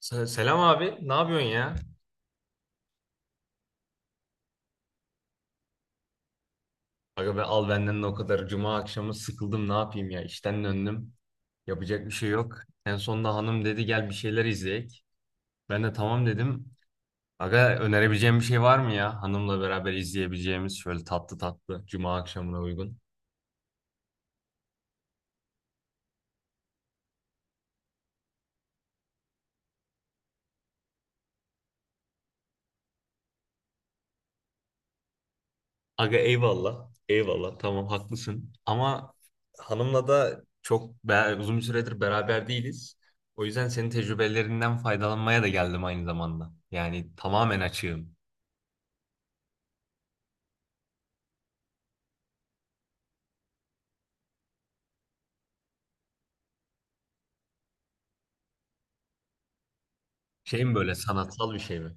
Selam abi, ne yapıyorsun ya? Aga be al benden de o kadar. Cuma akşamı sıkıldım, ne yapayım ya? İşten döndüm. Yapacak bir şey yok. En sonunda hanım dedi gel bir şeyler izleyek. Ben de tamam dedim. Aga önerebileceğim bir şey var mı ya? Hanımla beraber izleyebileceğimiz şöyle tatlı tatlı Cuma akşamına uygun. Aga eyvallah, eyvallah. Tamam haklısın. Ama hanımla da çok uzun bir süredir beraber değiliz. O yüzden senin tecrübelerinden faydalanmaya da geldim aynı zamanda. Yani tamamen açığım. Şey mi böyle sanatsal bir şey mi?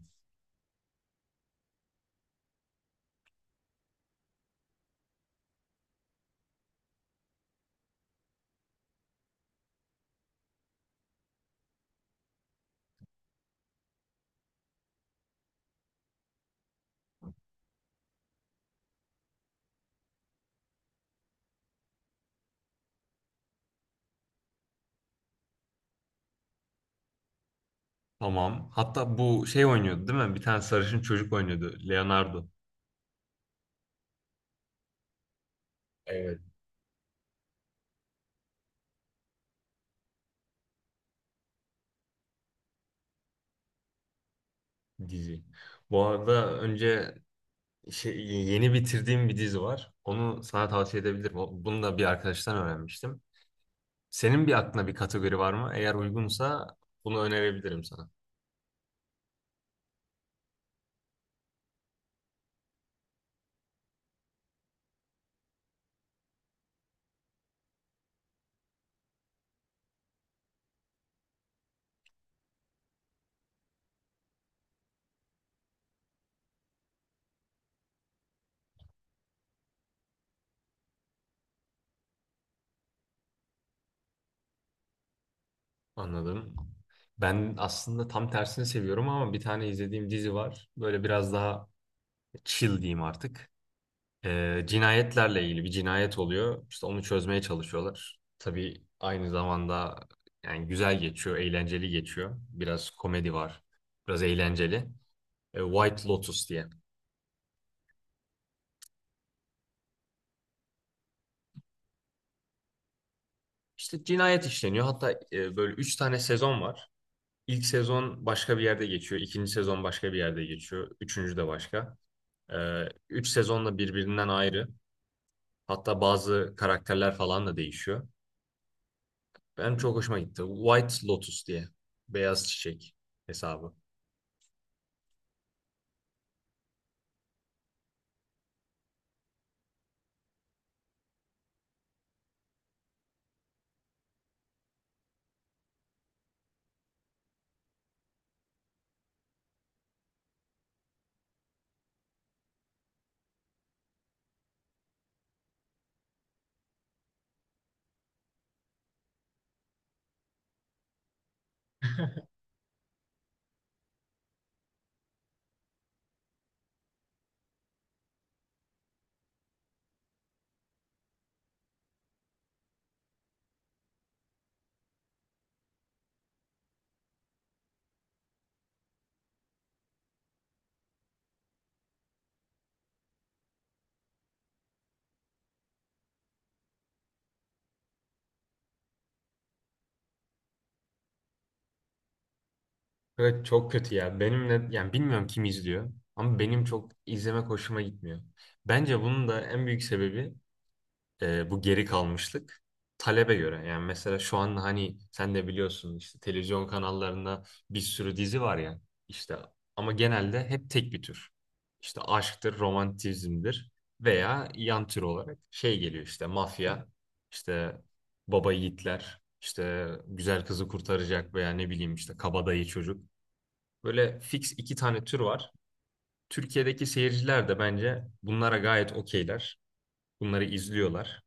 Tamam. Hatta bu şey oynuyordu değil mi? Bir tane sarışın çocuk oynuyordu. Leonardo. Evet. Dizi. Bu arada önce şey, yeni bitirdiğim bir dizi var. Onu sana tavsiye edebilirim. Bunu da bir arkadaştan öğrenmiştim. Senin bir aklına bir kategori var mı? Eğer uygunsa bunu önerebilirim sana. Anladım. Ben aslında tam tersini seviyorum ama bir tane izlediğim dizi var. Böyle biraz daha chill diyeyim artık. Cinayetlerle ilgili bir cinayet oluyor. İşte onu çözmeye çalışıyorlar. Tabii aynı zamanda yani güzel geçiyor, eğlenceli geçiyor. Biraz komedi var, biraz eğlenceli. White Lotus diye. İşte cinayet işleniyor. Hatta böyle üç tane sezon var. İlk sezon başka bir yerde geçiyor. İkinci sezon başka bir yerde geçiyor. Üçüncü de başka. Üç sezon da birbirinden ayrı. Hatta bazı karakterler falan da değişiyor. Benim çok hoşuma gitti. White Lotus diye. Beyaz çiçek hesabı. Evet çok kötü ya. Benimle yani bilmiyorum kim izliyor ama benim çok izlemek hoşuma gitmiyor. Bence bunun da en büyük sebebi bu geri kalmışlık talebe göre. Yani mesela şu an hani sen de biliyorsun işte televizyon kanallarında bir sürü dizi var ya işte ama genelde hep tek bir tür. İşte aşktır, romantizmdir veya yan tür olarak şey geliyor işte mafya, işte baba yiğitler, işte güzel kızı kurtaracak veya ne bileyim işte kabadayı çocuk. Böyle fix iki tane tür var. Türkiye'deki seyirciler de bence bunlara gayet okeyler. Bunları izliyorlar.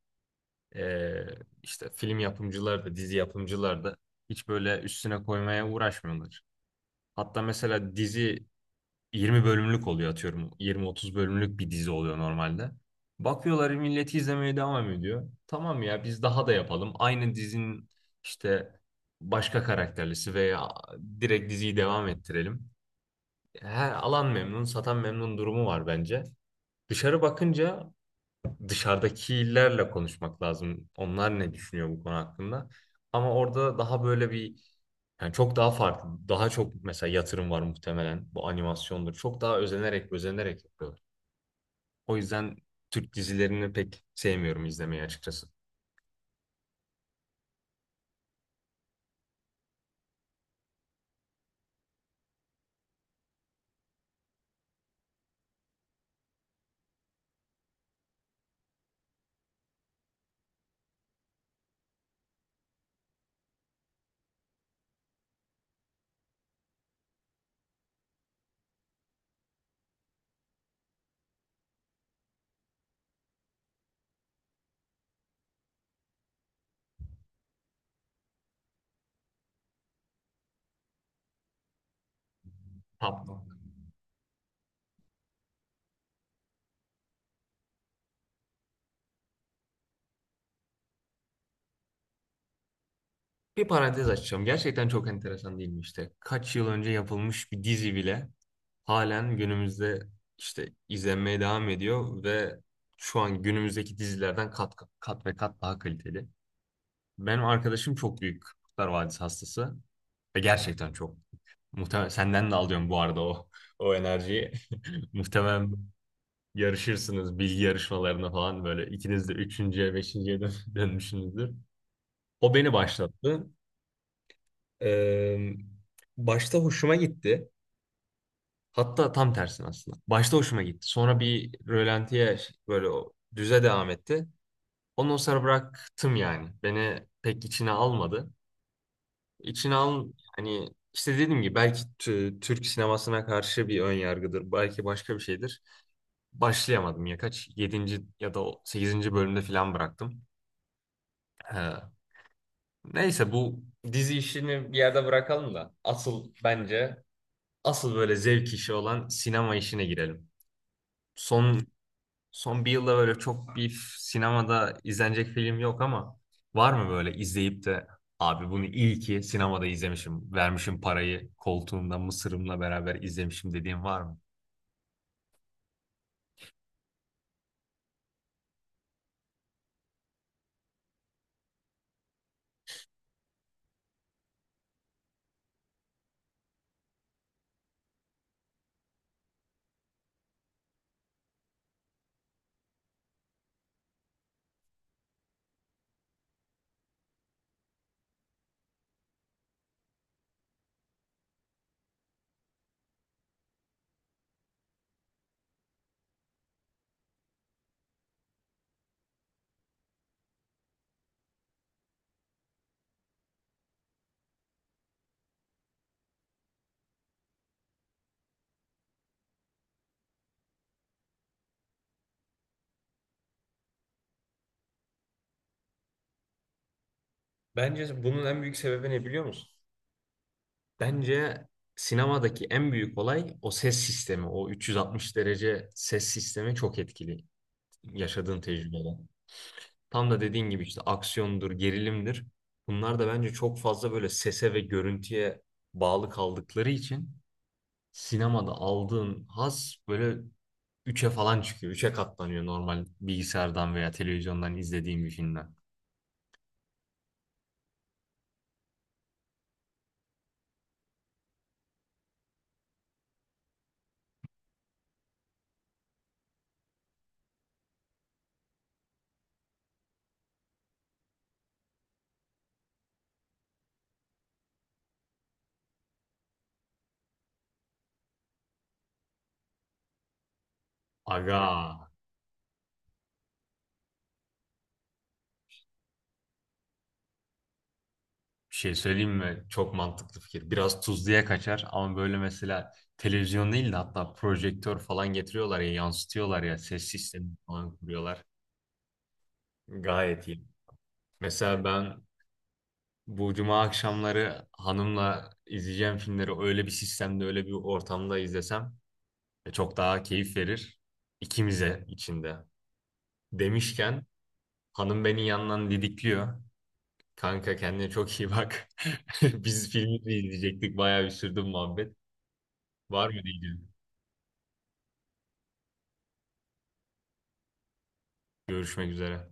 Ee, işte film yapımcıları da dizi yapımcıları da hiç böyle üstüne koymaya uğraşmıyorlar. Hatta mesela dizi 20 bölümlük oluyor atıyorum. 20-30 bölümlük bir dizi oluyor normalde. Bakıyorlar milleti izlemeye devam ediyor. Tamam ya biz daha da yapalım. Aynı dizinin işte başka karakterlisi veya direkt diziyi devam ettirelim. Her alan memnun, satan memnun durumu var bence. Dışarı bakınca dışarıdakilerle konuşmak lazım. Onlar ne düşünüyor bu konu hakkında? Ama orada daha böyle bir yani çok daha farklı, daha çok mesela yatırım var muhtemelen. Bu animasyondur. Çok daha özenerek, özenerek yapıyorlar. O yüzden Türk dizilerini pek sevmiyorum izlemeyi açıkçası. Tamam. Bir parantez açacağım. Gerçekten çok enteresan değil mi işte? Kaç yıl önce yapılmış bir dizi bile halen günümüzde işte izlenmeye devam ediyor ve şu an günümüzdeki dizilerden kat kat ve kat daha kaliteli. Benim arkadaşım çok büyük Kurtlar Vadisi hastası. Ve gerçekten çok. Muhtemelen senden de alıyorum bu arada o enerjiyi. Muhtemelen yarışırsınız bilgi yarışmalarına falan böyle ikiniz de üçüncüye, beşinciye dön- dönmüşsünüzdür. O beni başlattı. Ee, Başta hoşuma gitti. Hatta tam tersine aslında. Başta hoşuma gitti. Sonra bir rölantiye böyle o düze devam etti. Ondan sonra bıraktım yani. Beni pek içine almadı. İçine al hani işte dediğim gibi belki Türk sinemasına karşı bir ön yargıdır. Belki başka bir şeydir. Başlayamadım ya kaç yedinci ya da sekizinci bölümde falan bıraktım. He. Neyse bu dizi işini bir yerde bırakalım da asıl bence asıl böyle zevk işi olan sinema işine girelim. Son Son bir yılda böyle çok bir sinemada izlenecek film yok ama var mı böyle izleyip de abi bunu iyi ki sinemada izlemişim, vermişim parayı, koltuğumda mısırımla beraber izlemişim dediğin var mı? Bence bunun en büyük sebebi ne biliyor musun? Bence sinemadaki en büyük olay o ses sistemi, o 360 derece ses sistemi çok etkili yaşadığın tecrübede. Tam da dediğin gibi işte aksiyondur, gerilimdir. Bunlar da bence çok fazla böyle sese ve görüntüye bağlı kaldıkları için sinemada aldığın haz böyle üçe falan çıkıyor. Üçe katlanıyor normal bilgisayardan veya televizyondan izlediğim bir filmden. Aga bir şey söyleyeyim mi? Çok mantıklı fikir. Biraz tuzluya kaçar ama böyle mesela televizyon değil de hatta projektör falan getiriyorlar ya yansıtıyorlar ya ses sistemi falan kuruyorlar. Gayet iyi. Mesela ben bu cuma akşamları hanımla izleyeceğim filmleri öyle bir sistemde öyle bir ortamda izlesem çok daha keyif verir ikimize içinde. Demişken hanım beni yandan didikliyor. Kanka kendine çok iyi bak. Biz filmi de izleyecektik. Bayağı bir sürdü bu muhabbet. Var mı diyeceğim. Görüşmek üzere.